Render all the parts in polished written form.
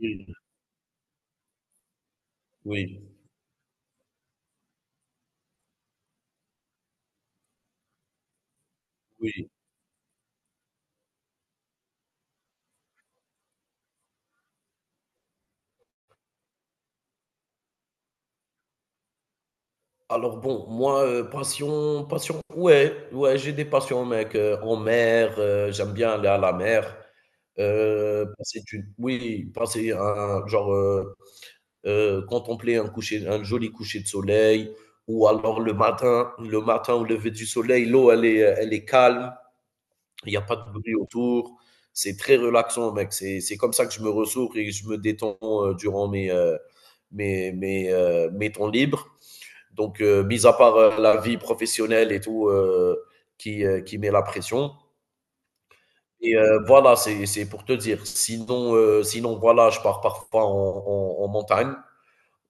Oui, oui, oui. Alors bon, moi, passion, ouais, ouais, j'ai des passions mec, en mer. J'aime bien aller à la mer. Passer du oui, passer un genre, contempler un coucher un joli coucher de soleil ou alors le matin au lever du soleil, l'eau elle est calme, il y a pas de bruit autour. C'est très relaxant mec, c'est comme ça que je me ressource et que je me détends, durant mes temps libres. Donc, mis à part la vie professionnelle et tout, qui met la pression. Et voilà, c'est pour te dire. Sinon, sinon voilà, je pars parfois en montagne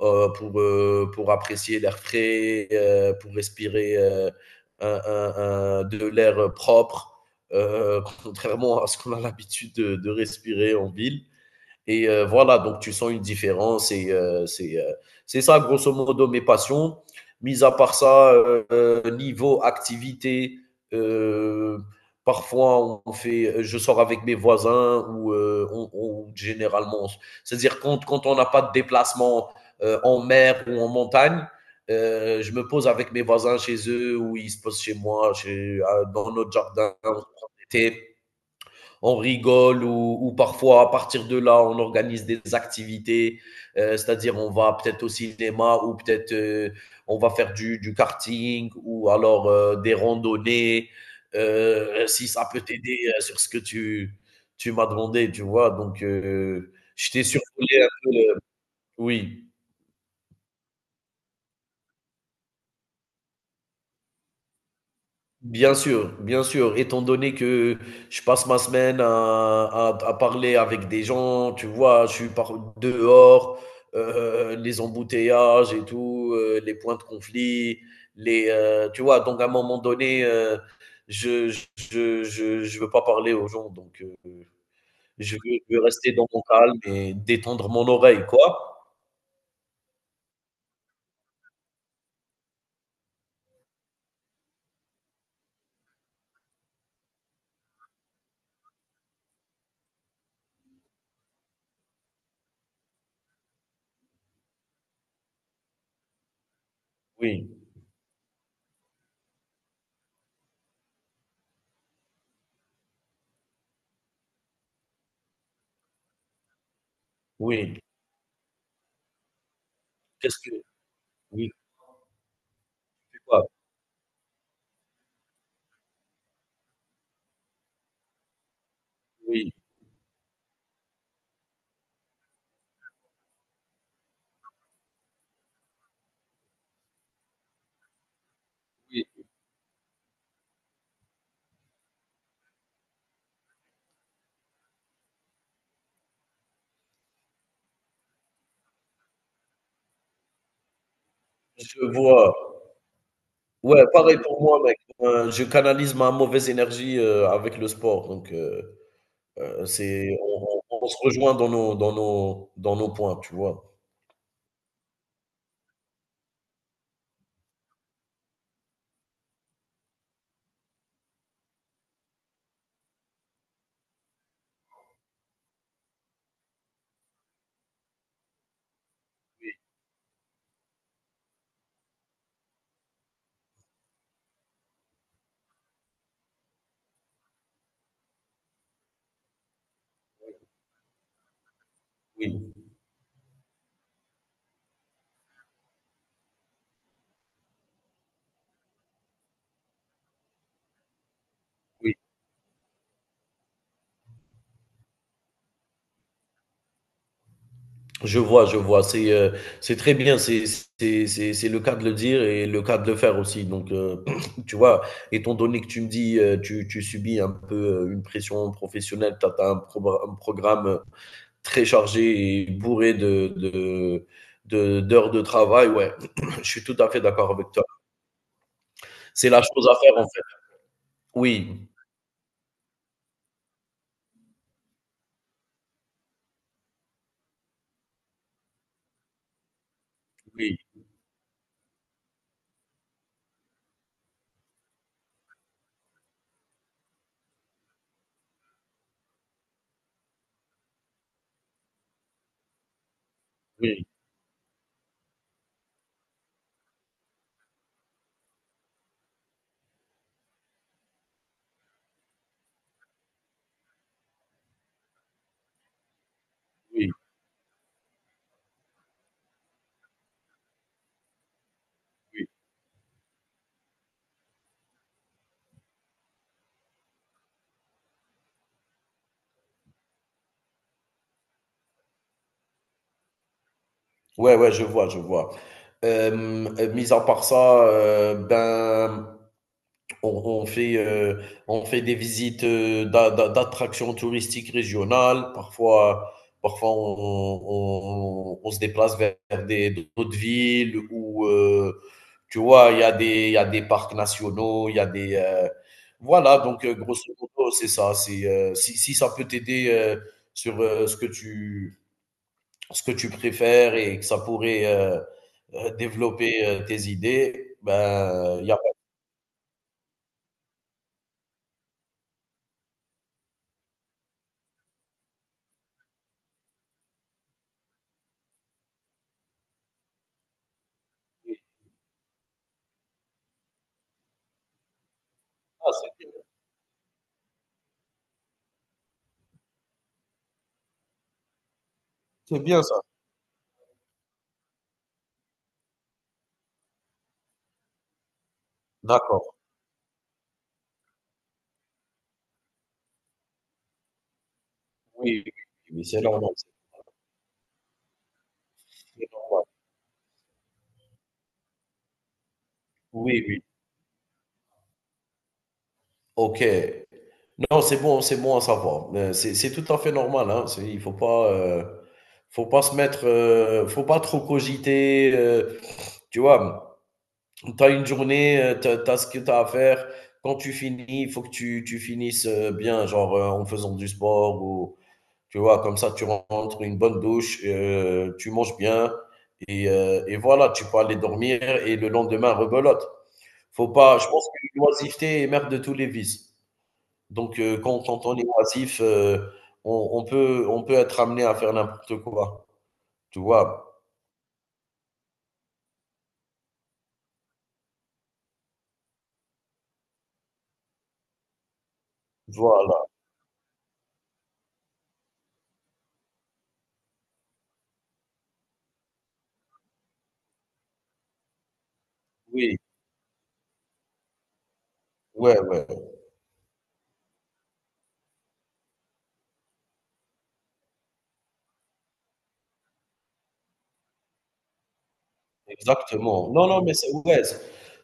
pour apprécier l'air frais, pour respirer un, un, de l'air propre, contrairement à ce qu'on a l'habitude de respirer en ville. Et voilà, donc tu sens une différence. Et c'est ça, grosso modo, mes passions. Mis à part ça, niveau activité, euh, parfois on fait, je sors avec mes voisins ou généralement, c'est-à-dire quand on n'a pas de déplacement en mer ou en montagne, je me pose avec mes voisins chez eux ou ils se posent chez moi, chez, dans notre jardin, on se prend des on rigole ou parfois à partir de là, on organise des activités, c'est-à-dire on va peut-être au cinéma ou peut-être on va faire du karting ou alors des randonnées, si ça peut t'aider sur ce que tu m'as demandé, tu vois. Donc, je t'ai survolé un peu, le- oui. Bien sûr, étant donné que je passe ma semaine à parler avec des gens, tu vois, je suis par dehors, les embouteillages et tout, les points de conflit, tu vois, donc à un moment donné, je, je, je veux pas parler aux gens, donc je veux rester dans mon calme et détendre mon oreille, quoi. Oui, oui. Qu'est-ce que, oui, tu vois, oui, oui, je vois. Ouais, pareil pour moi, mec. Je canalise ma mauvaise énergie, avec le sport, donc c'est on on se rejoint dans nos dans nos dans nos points, tu vois? Oui, oui. Je vois, je vois. C'est très bien, c'est c'est le cas de le dire et le cas de le faire aussi, donc tu vois? Étant donné que tu me dis, tu subis un peu, une pression professionnelle, tu as un progra un programme très chargé et bourré d'heures de travail, ouais, je suis tout à fait d'accord avec toi. C'est la chose à faire en fait. Oui, oui, oui, oui, oui. Ouais, ouais, je vois, je vois. Hem, mis à part ça, ben on on fait, euh, on fait des visites d'attractions touristiques régionales. Parfois, parfois on, on se déplace vers des, d'autres villes où, tu vois, il y a des, il y a des parcs nationaux, il y a des... voilà, donc grosso modo, c'est ça. C'est, si ça peut t'aider sur ce que tu préfères et que ça pourrait développer tes idées, ben, il y a pas de- Ah, c'est bien ça. D'accord. Oui, oui, oui, c'est normal, c'est très normal. Oui, oui. OK. Non, c'est bon à savoir. C'est tout à fait normal, hein. C'est il faut pas se mettre, faut pas trop cogiter, tu vois? Tu as une journée, tu as ce que tu as à faire. Quand tu finis, il faut que tu finisses, bien, genre, en faisant du sport ou tu vois? Comme ça, tu rentres, une bonne douche, tu manges bien et voilà, tu peux aller dormir et le lendemain rebelote. Faut pas, je pense que l'oisiveté est mère de tous les vices. Donc quand on est oisif, on on peut être amené à faire n'importe quoi, tu vois? Voilà, oui, ouais, ouais. Exactement. Non, non, mais c'est ouais, c'est-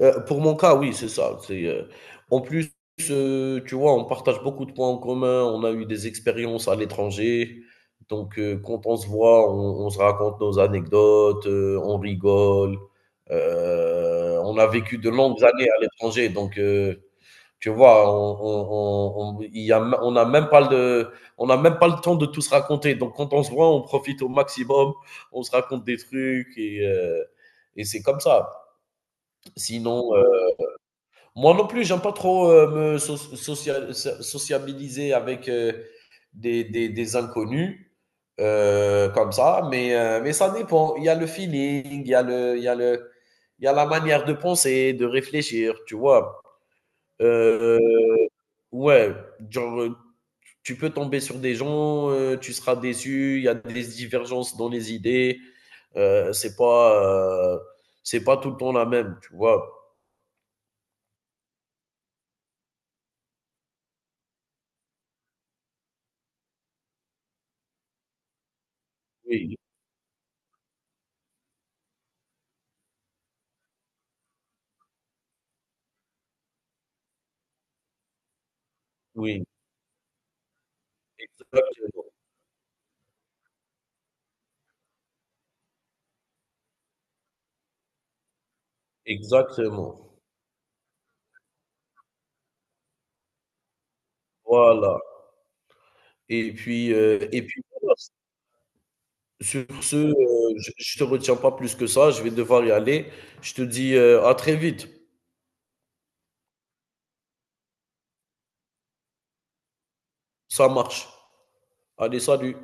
pour mon cas, oui, c'est ça. C'est, en plus, tu vois, on partage beaucoup de points en commun, on a eu des expériences à l'étranger. Donc, quand on se voit, on se raconte nos anecdotes, on rigole. On a vécu de longues années à l'étranger, donc, tu vois, on n'a on a même pas on a même pas le temps de tout se raconter. Donc, quand on se voit, on profite au maximum, on se raconte des trucs et c'est comme ça. Sinon, moi non plus, j'aime pas trop me so social sociabiliser avec des inconnus comme ça, mais ça dépend. Il y a le feeling, il y a la manière de penser, de réfléchir, tu vois. Euh, Ouais, genre, tu peux tomber sur des gens, tu seras déçu, il y a des divergences dans les idées, heu, c'est pas, heu, c'est pas tout le temps la même, tu vois? Oui, oui, exactement, exactement, voilà et puis voilà, sur ce, je te retiens pas plus que ça, je vais devoir y aller. Je te dis, à très vite. Ça marche. Allez, salut.